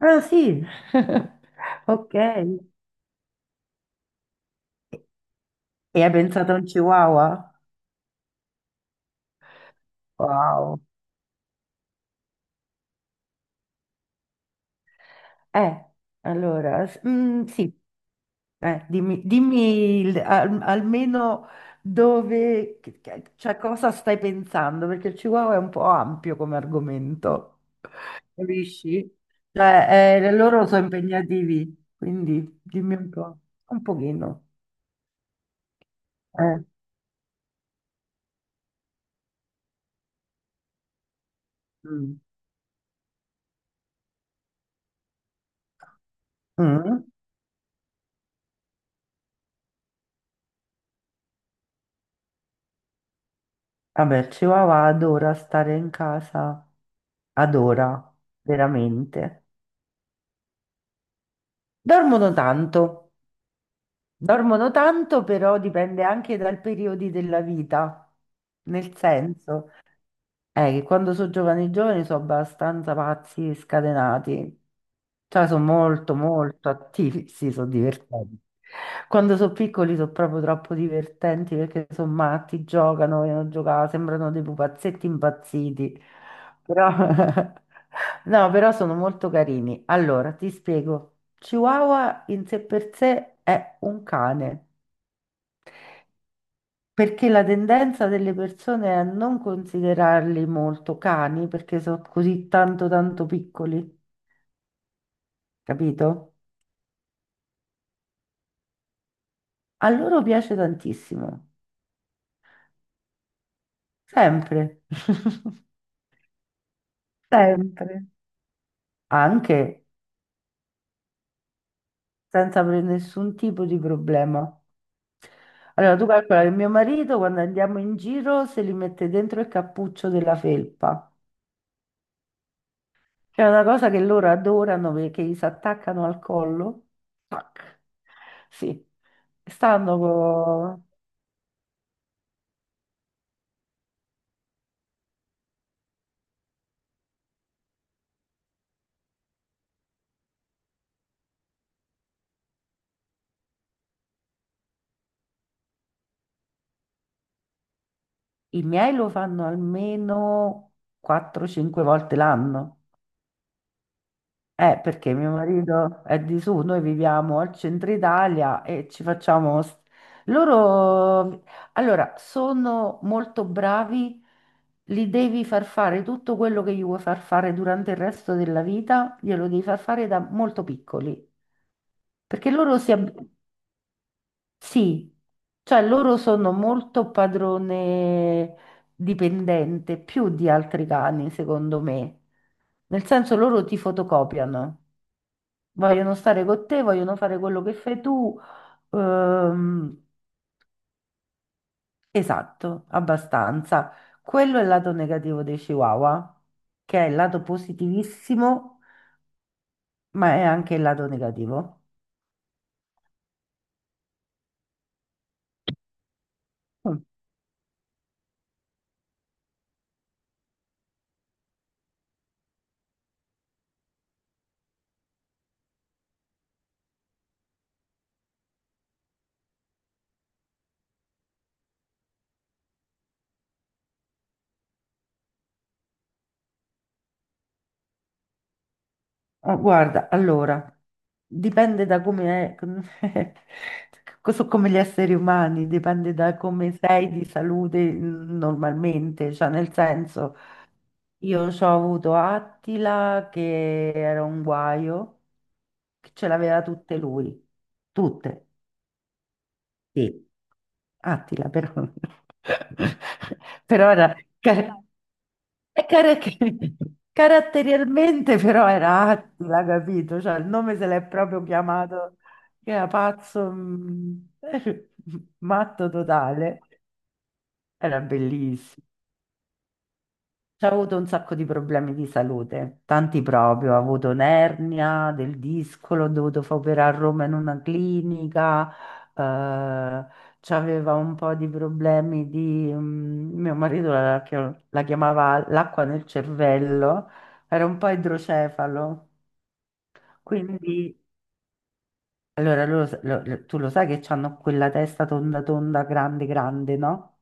Ah sì, ok. E hai pensato a un chihuahua? Wow. Eh, allora, sì. Dimmi almeno dove, cioè cosa stai pensando, perché il chihuahua è un po' ampio come argomento, capisci? Cioè, loro sono impegnativi, quindi dimmi un po', un pochino. Eh. Mm. Mm. Vabbè, il Chihuahua adora stare in casa, adora, veramente. Dormono tanto, dormono tanto, però dipende anche dal periodo della vita, nel senso, che quando sono giovani giovani sono abbastanza pazzi e scatenati. Cioè, sono molto, molto attivi. Sì, sono divertenti. Quando sono piccoli sono proprio troppo divertenti perché sono matti, giocano, vogliono giocare, sembrano dei pupazzetti impazziti. Però. No, però sono molto carini. Allora, ti spiego. Chihuahua in sé per sé è un cane. Perché la tendenza delle persone è a non considerarli molto cani perché sono così tanto tanto piccoli, capito? A loro piace tantissimo, sempre, sempre, anche senza avere nessun tipo di problema. Allora, tu calcola che mio marito quando andiamo in giro se li mette dentro il cappuccio della felpa, che è una cosa che loro adorano perché gli si attaccano al collo. Tac. Sì, stanno co- I miei lo fanno almeno 4-5 volte l'anno. Perché mio marito è di su, noi viviamo al centro Italia e ci facciamo... s- Loro, allora, sono molto bravi, li devi far fare tutto quello che gli vuoi far fare durante il resto della vita, glielo devi far fare da molto piccoli, perché loro si... ab- Sì, cioè loro sono molto padrone dipendente, più di altri cani, secondo me. Nel senso loro ti fotocopiano, vogliono stare con te, vogliono fare quello che fai tu. Ehm, esatto, abbastanza. Quello è il lato negativo dei Chihuahua, che è il lato positivissimo, ma è anche il lato negativo. Mm. Ah, guarda, allora, dipende da come è, so come gli esseri umani, dipende da come sei di salute, normalmente, cioè nel senso, io ho avuto Attila che era un guaio, che ce l'aveva tutte lui, tutte. Sì. Attila, però. Però era... e car- caratterialmente però era Attila, capito? Cioè il nome se l'è proprio chiamato, che era pazzo, matto totale. Era bellissimo. C'ha avuto un sacco di problemi di salute, tanti proprio, ha avuto un'ernia del disco, l'ho dovuto fare operare a Roma in una clinica, eh, c'aveva un po' di problemi, mio marito la chiamava l'acqua nel cervello, era un po' idrocefalo, quindi... Allora, loro sa- lo- lo- tu lo sai che hanno quella testa tonda tonda, grande grande, no?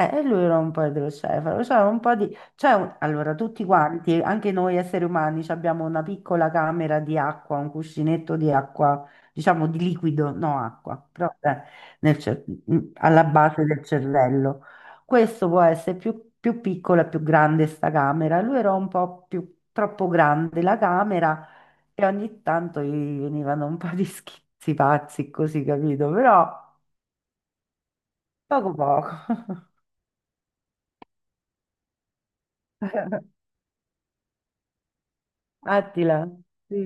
Lui era un po' idrocefalo, cioè un po' di... cioè, allora, tutti quanti, anche noi esseri umani, ci abbiamo una piccola camera di acqua, un cuscinetto di acqua, diciamo di liquido, no acqua, però nel cer- alla base del cervello. Questo può essere più piccolo e più grande sta camera. Lui era un po' più troppo grande la camera e ogni tanto gli venivano un po' di schizzi pazzi, così, capito? Però poco poco. Attila. Sì.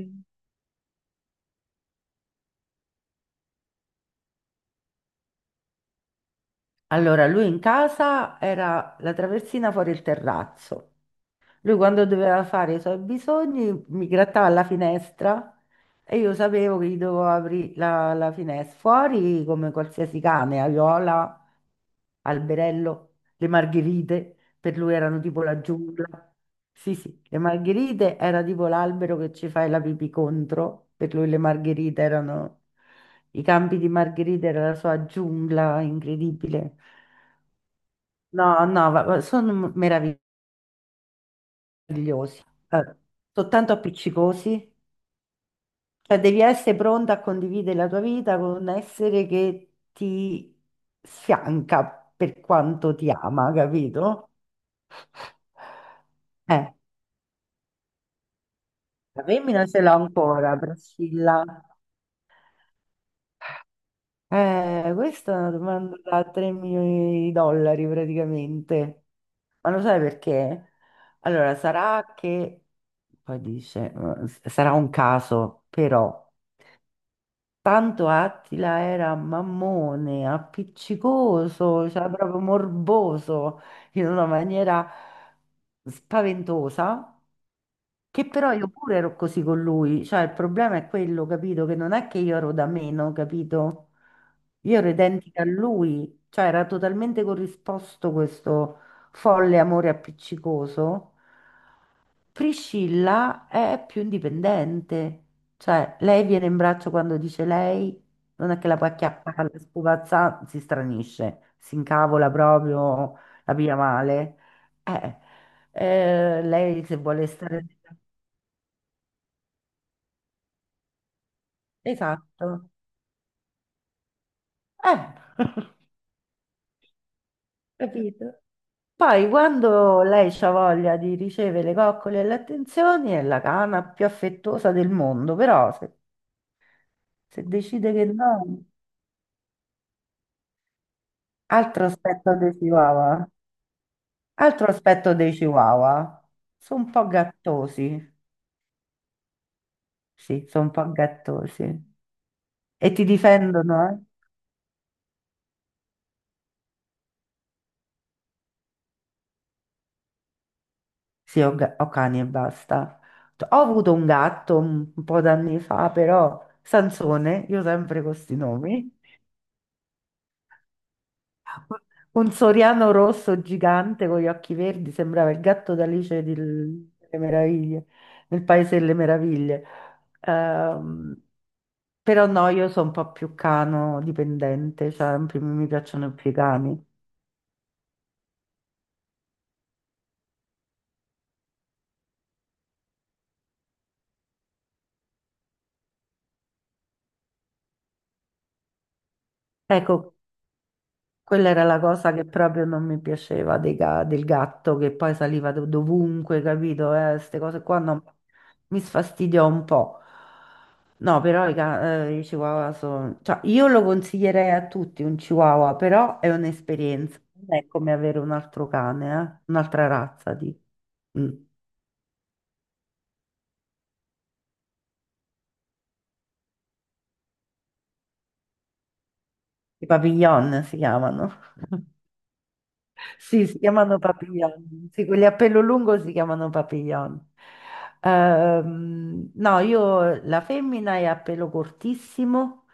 Allora, lui in casa era la traversina fuori il terrazzo. Lui quando doveva fare i suoi bisogni mi grattava alla finestra e io sapevo che gli dovevo aprire la finestra. Fuori come qualsiasi cane, Aiola, Alberello, le margherite, per lui erano tipo la giungla. Sì, sì, le margherite era tipo l'albero che ci fai la pipì contro, per lui le margherite erano... I campi di margherite era la sua giungla incredibile. No, no, sono meravigliosi, eh, soltanto appiccicosi. Cioè, devi essere pronta a condividere la tua vita con un essere che ti fianca per quanto ti ama, capito? Eh, la femmina ce l'ho ancora, Priscilla. Questa è una domanda da 3 milioni di dollari praticamente. Ma lo sai perché? Allora, sarà che, poi dice, sarà un caso, però, tanto Attila era mammone, appiccicoso, cioè proprio morboso, in una maniera spaventosa, che però io pure ero così con lui, cioè il problema è quello, capito? Che non è che io ero da meno, capito? Io ero identica a lui, cioè era totalmente corrisposto questo folle amore appiccicoso. Priscilla è più indipendente, cioè lei viene in braccio quando dice lei, non è che la puoi acchiappare, la spupazza, si stranisce, si incavola proprio, la piglia male. Eh, Lei se vuole stare... Esatto, eh, capito? Poi quando lei ha voglia di ricevere le coccole e le attenzioni è la cana più affettuosa del mondo, però se decide che no, altro aspetto dei Chihuahua, altro aspetto dei Chihuahua, sono un po' gattosi, sì, sono un po' gattosi e ti difendono, eh? Sì, ho cani e basta. Ho avuto un gatto un po' d'anni fa, però Sansone, io sempre con questi nomi. Un soriano rosso gigante con gli occhi verdi, sembrava il gatto d'Alice delle Meraviglie, nel Paese delle Meraviglie. Ehm, Però no, io sono un po' più cano dipendente, cioè mi piacciono più i cani. Ecco, quella era la cosa che proprio non mi piaceva del gatto che poi saliva dovunque, capito? Queste cose qua mi sfastidiò un po'. No, però i chihuahua sono... Cioè, io lo consiglierei a tutti un chihuahua, però è un'esperienza. Non è come avere un altro cane, eh? Un'altra razza di... mm. I papillon si chiamano. Sì, si chiamano papillon. Sì, quelli a pelo lungo si chiamano papillon. No, io la femmina è a pelo cortissimo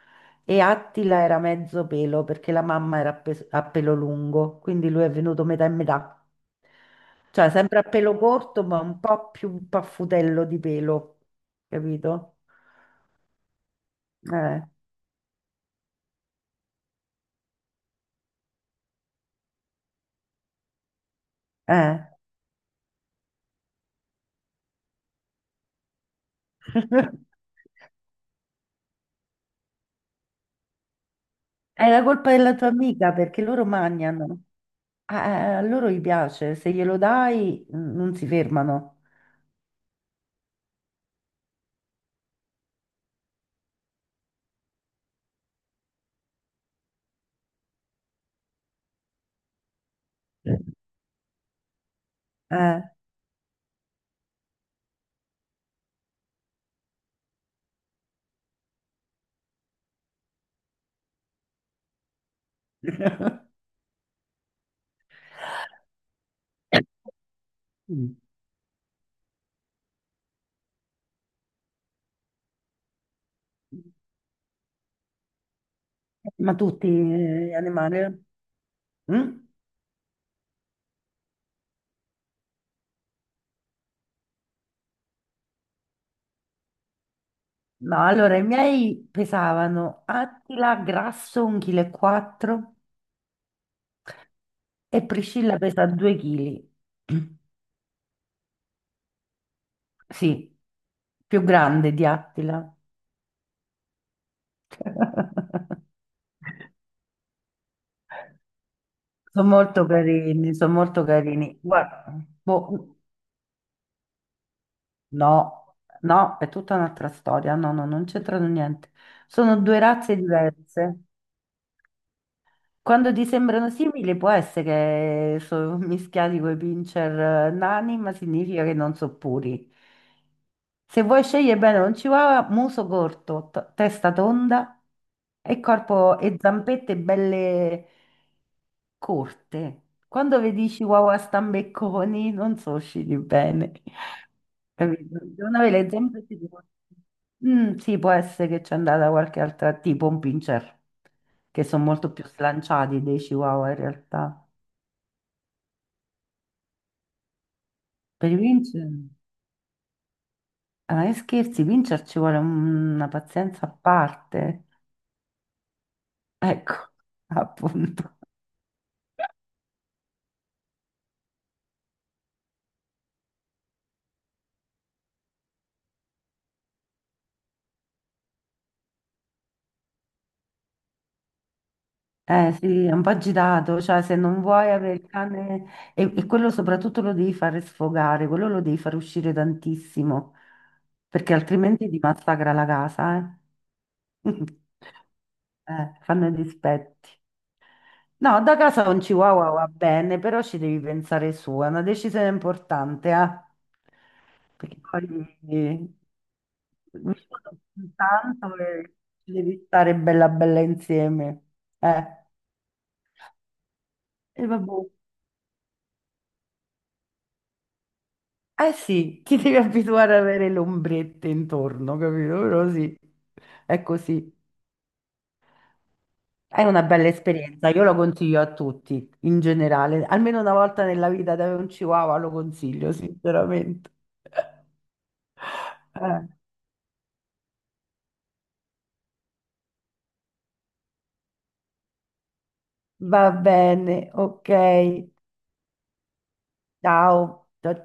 e Attila era mezzo pelo perché la mamma era a pelo lungo, quindi lui è venuto metà e metà. Cioè, sempre a pelo corto, ma un po' più paffutello di pelo, capito? Eh, eh. È la colpa della tua amica perché loro mangiano. Ah, a loro gli piace, se glielo dai, non si fermano. Eh. Mm. Ma tutti gli animali? Eh? Mm? No, allora i miei pesavano Attila grasso 1,4 kg e quattro e Priscilla pesa 2 kg. Sì, più grande di Attila. Sono molto carini, sono molto carini. Guarda, boh. No, no, è tutta un'altra storia. No, no, non c'entrano niente. Sono due razze diverse. Quando ti sembrano simili, può essere che sono mischiati coi pincher, nani, ma significa che non sono puri. Se vuoi scegliere bene un chihuahua, muso corto, testa tonda e corpo e zampette belle, corte. Quando vedi Chihuahua stambecconi, non so usciti bene. Capito? Devono avere le zampe più. Sì, può essere che c'è andata qualche altra, tipo un pincher, che sono molto più slanciati dei Chihuahua in realtà. Per i pincher, ah, ma che scherzi, i pincher ci vuole una pazienza a parte. Ecco, appunto. Eh sì, è un po' agitato, cioè se non vuoi avere il cane e quello soprattutto lo devi fare sfogare, quello lo devi far uscire tantissimo, perché altrimenti ti massacra la casa, eh. Fanno i dispetti. No, da casa un chihuahua va bene, però ci devi pensare su, è una decisione importante, eh. Perché poi mi sono tanto e ci devi stare bella bella insieme. Eh. E vabbè. Eh sì, ti devi abituare ad avere le ombrette intorno, capito? Però sì, è così. È una bella esperienza, io lo consiglio a tutti, in generale. Almeno una volta nella vita da avere un chihuahua lo consiglio, sinceramente. Eh, Va bene, ok. Ciao. Ciao.